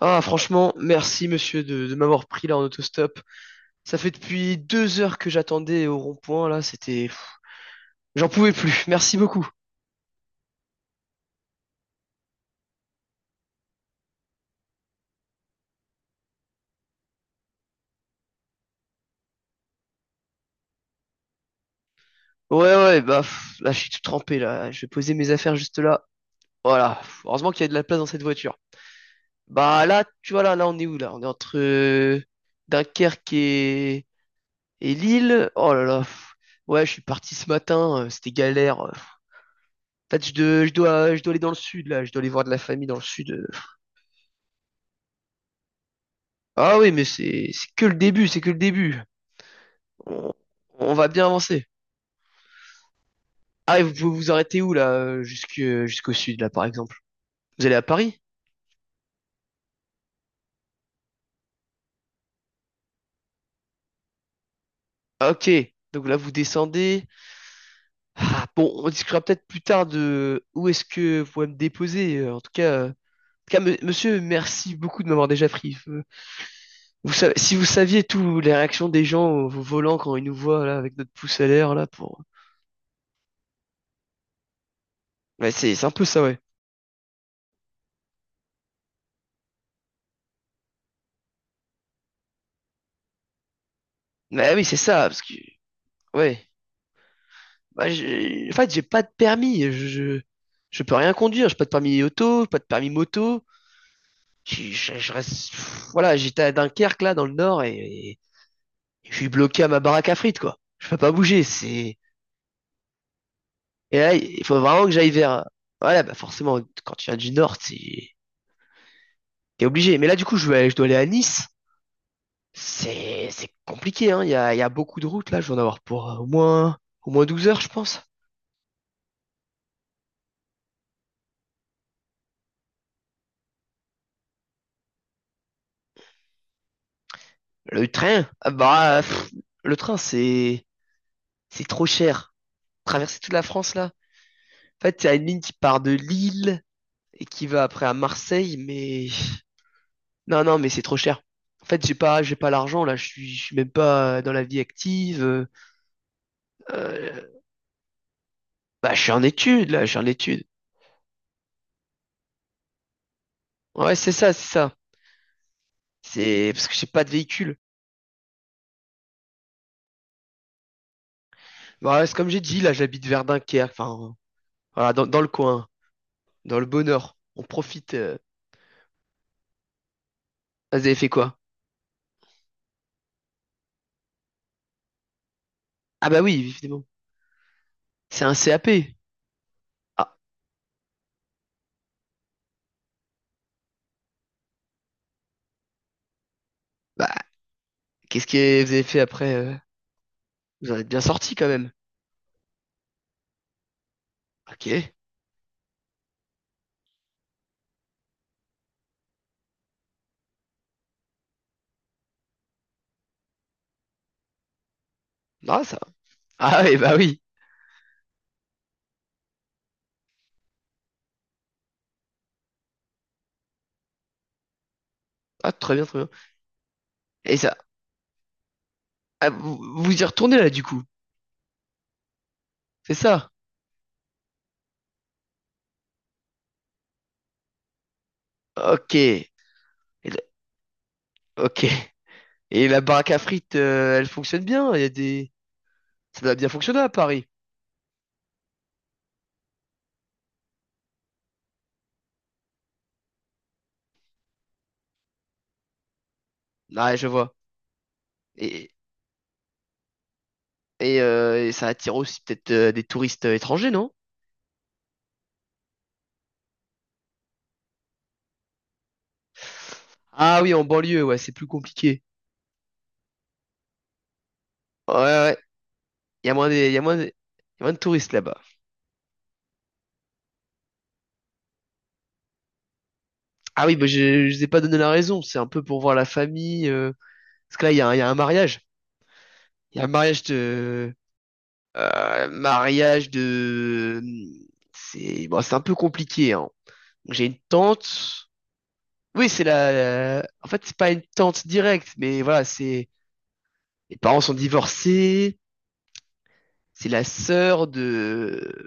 Ah, franchement, merci monsieur de m'avoir pris là en autostop. Ça fait depuis 2 heures que j'attendais au rond-point là. J'en pouvais plus, merci beaucoup. Ouais, ouais, bah, là je suis tout trempé là, je vais poser mes affaires juste là. Voilà, heureusement qu'il y a de la place dans cette voiture. Bah là, tu vois là, là on est où là? On est entre Dunkerque et Lille. Oh là là, pff. Ouais, je suis parti ce matin, c'était galère. En fait, je dois aller dans le sud là, je dois aller voir de la famille dans le sud. Ah oui, mais c'est que le début, c'est que le début. On, on va bien avancer. Ah, et vous pouvez vous arrêter où là, jusqu'au sud là, par exemple? Vous allez à Paris? Ah, ok. Donc là, vous descendez. Ah, bon, on discutera peut-être plus tard de où est-ce que vous pouvez me déposer. En tout cas, monsieur, merci beaucoup de m'avoir déjà pris. Vous savez, si vous saviez toutes les réactions des gens au volant quand ils nous voient là avec notre pouce à l'air là pour. Ouais, c'est un peu ça, ouais. Bah oui, c'est ça, parce que ouais. Bah, en fait, j'ai pas de permis. Je peux rien conduire. J'ai pas de permis auto, pas de permis moto. Je reste, voilà, j'étais à Dunkerque, là, dans le nord, et je suis bloqué à ma baraque à frites, quoi. Je peux pas bouger. Et là, il faut vraiment que j'aille vers, voilà, bah, forcément, quand tu viens du nord, t'es, obligé. Mais là, du coup, je dois aller à Nice. C'est compliqué, hein. Il y a beaucoup de routes, là. Je vais en avoir pour au moins 12 heures, je pense. Le train, ah bah, le train, c'est trop cher. Traverser toute la France là. En fait, il y a une ligne qui part de Lille et qui va après à Marseille, mais non, non, mais c'est trop cher. En fait, j'ai pas l'argent là. Je suis même pas dans la vie active. Euh, bah, je suis en études là, je suis en études. Ouais, c'est ça, c'est ça. C'est parce que j'ai pas de véhicule. Bah, c'est comme j'ai dit là, j'habite vers Dunkerque, enfin, voilà, dans le coin, dans le bonheur. On profite. Ah, vous avez fait quoi? Ah bah oui, évidemment. C'est un CAP. Ah, bah, qu'est-ce que vous avez fait après? Vous en êtes bien sorti quand même. Ok. Non, ça. Ah et bah oui. Ah, très bien, très bien. Et ça. Ah, vous y retournez là, du coup. C'est ça. Ok. Et le- ok. Et la baraque à frites, elle fonctionne bien. Il y a des. Ça doit bien fonctionner à Paris. Ouais, je vois. Et, et ça attire aussi peut-être des touristes étrangers, non? Ah oui, en banlieue, ouais, c'est plus compliqué. Ouais, ouais. Ouais. Il y a moins de, il y a moins de, il y a moins de touristes là-bas. Ah oui, bah, je vous ai pas donné la raison. C'est un peu pour voir la famille. Parce que là, il y a un mariage. Il y a un mariage de. Mariage de... C'est bon, c'est un peu compliqué, hein. J'ai une tante. Oui, c'est la... En fait, c'est pas une tante directe, mais voilà, c'est... Les parents sont divorcés. C'est la sœur de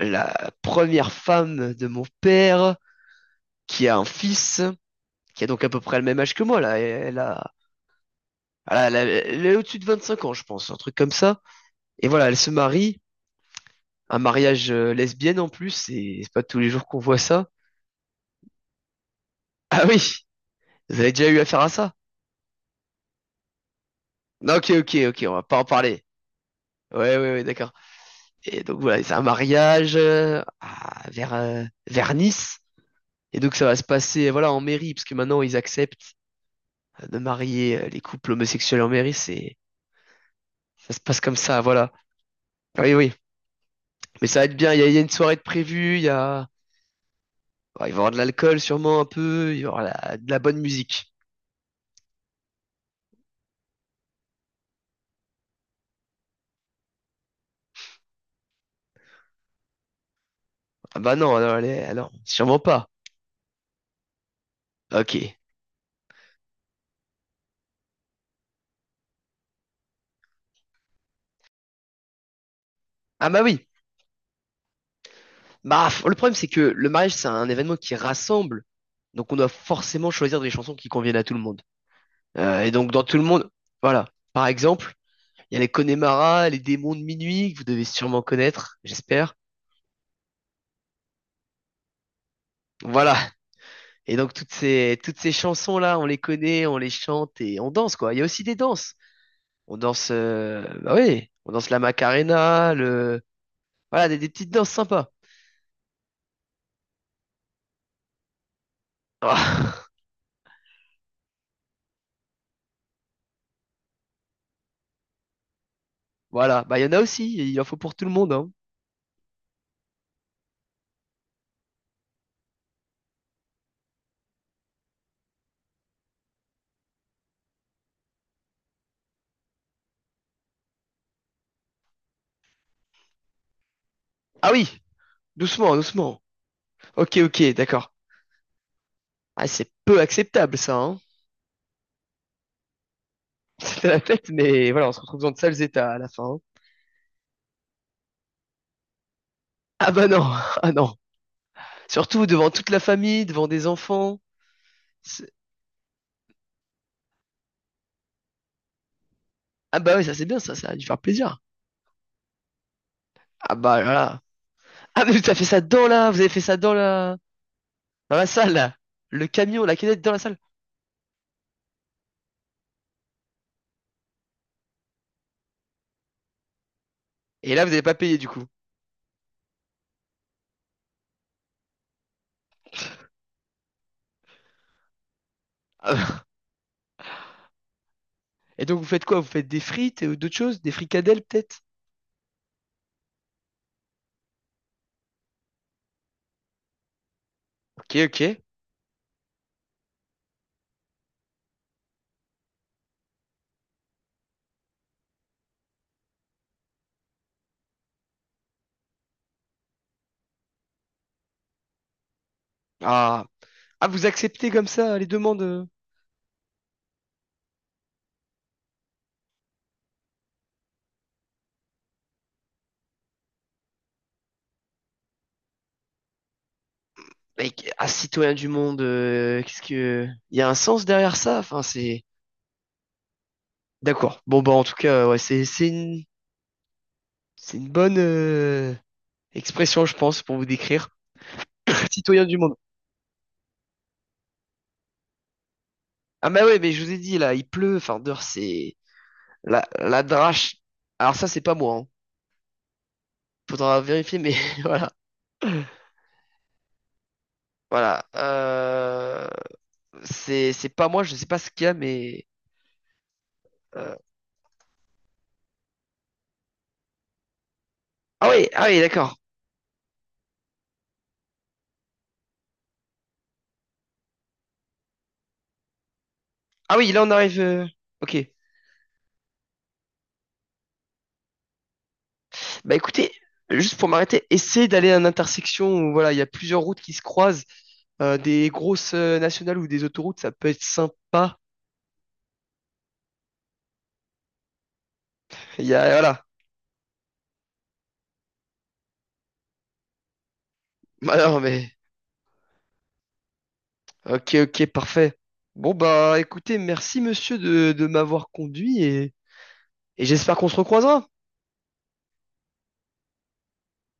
la première femme de mon père qui a un fils, qui a donc à peu près le même âge que moi, là. Elle a... voilà, elle est au-dessus de 25 ans, je pense, un truc comme ça. Et voilà, elle se marie. Un mariage lesbienne en plus, et c'est pas tous les jours qu'on voit ça. Ah oui, vous avez déjà eu affaire à ça? Non, ok, ok, ok, on va pas en parler. Ouais, ouais, ouais, d'accord. Et donc voilà, c'est un mariage vers Nice. Et donc ça va se passer voilà, en mairie, parce que maintenant ils acceptent de marier les couples homosexuels en mairie. C'est Ça se passe comme ça, voilà. Oui, oui. Mais ça va être bien, il y a une soirée de prévue, ouais, il va y avoir de l'alcool sûrement un peu, il y aura de la bonne musique. Ah bah non, alors, allez, alors, sûrement pas. Ok. Ah bah oui. Bah, le problème, c'est que le mariage, c'est un événement qui rassemble. Donc, on doit forcément choisir des chansons qui conviennent à tout le monde. Et donc, dans tout le monde, voilà. Par exemple, il y a les Connemara, les démons de minuit, que vous devez sûrement connaître, j'espère. Voilà. Et donc, toutes ces chansons-là, on les connaît, on les chante et on danse, quoi. Il y a aussi des danses. On danse, bah oui, on danse la Macarena, le, voilà, des petites danses sympas. Voilà. Bah, il y en a aussi. Il en faut pour tout le monde, hein. Ah oui, doucement, doucement. Ok, ok, d'accord. Ah, c'est peu acceptable ça, hein. C'était la fête, mais voilà, on se retrouve dans de sales états à la fin. Hein. Ah bah non, ah non. Surtout devant toute la famille, devant des enfants. C'est- Ah bah oui, ça c'est bien ça, ça a dû faire plaisir. Ah bah là. Ah mais vous avez fait ça dans la, vous avez fait ça dans la salle là. Le camion, la canette dans la salle. Et là vous n'avez pas payé du coup. Ah bah. Et donc vous faites quoi? Vous faites des frites ou d'autres choses? Des fricadelles peut-être? Ok, ok. Ah. Ah, vous acceptez comme ça les demandes? Mec, un citoyen du monde, qu'est-ce que... Il y a un sens derrière ça? Enfin, c'est... D'accord. Bon, bah, en tout cas, ouais, c'est une bonne expression, je pense, pour vous décrire. Citoyen du monde. Ah, bah ouais, mais je vous ai dit, là, il pleut. Enfin, dehors, c'est... La drache. Alors ça, c'est pas moi, hein. Faudra vérifier, mais voilà. Voilà. C'est pas moi, je sais pas ce qu'il y a, mais... euh, Ah oui, ah oui, d'accord. Ah oui, là, on arrive... ok. Bah écoutez, juste pour m'arrêter, essayez d'aller à une intersection où voilà, il y a plusieurs routes qui se croisent, des grosses nationales ou des autoroutes, ça peut être sympa. Il y a voilà. Bah non, mais ok, ok, parfait. Bon bah écoutez, merci monsieur de m'avoir conduit et j'espère qu'on se recroisera.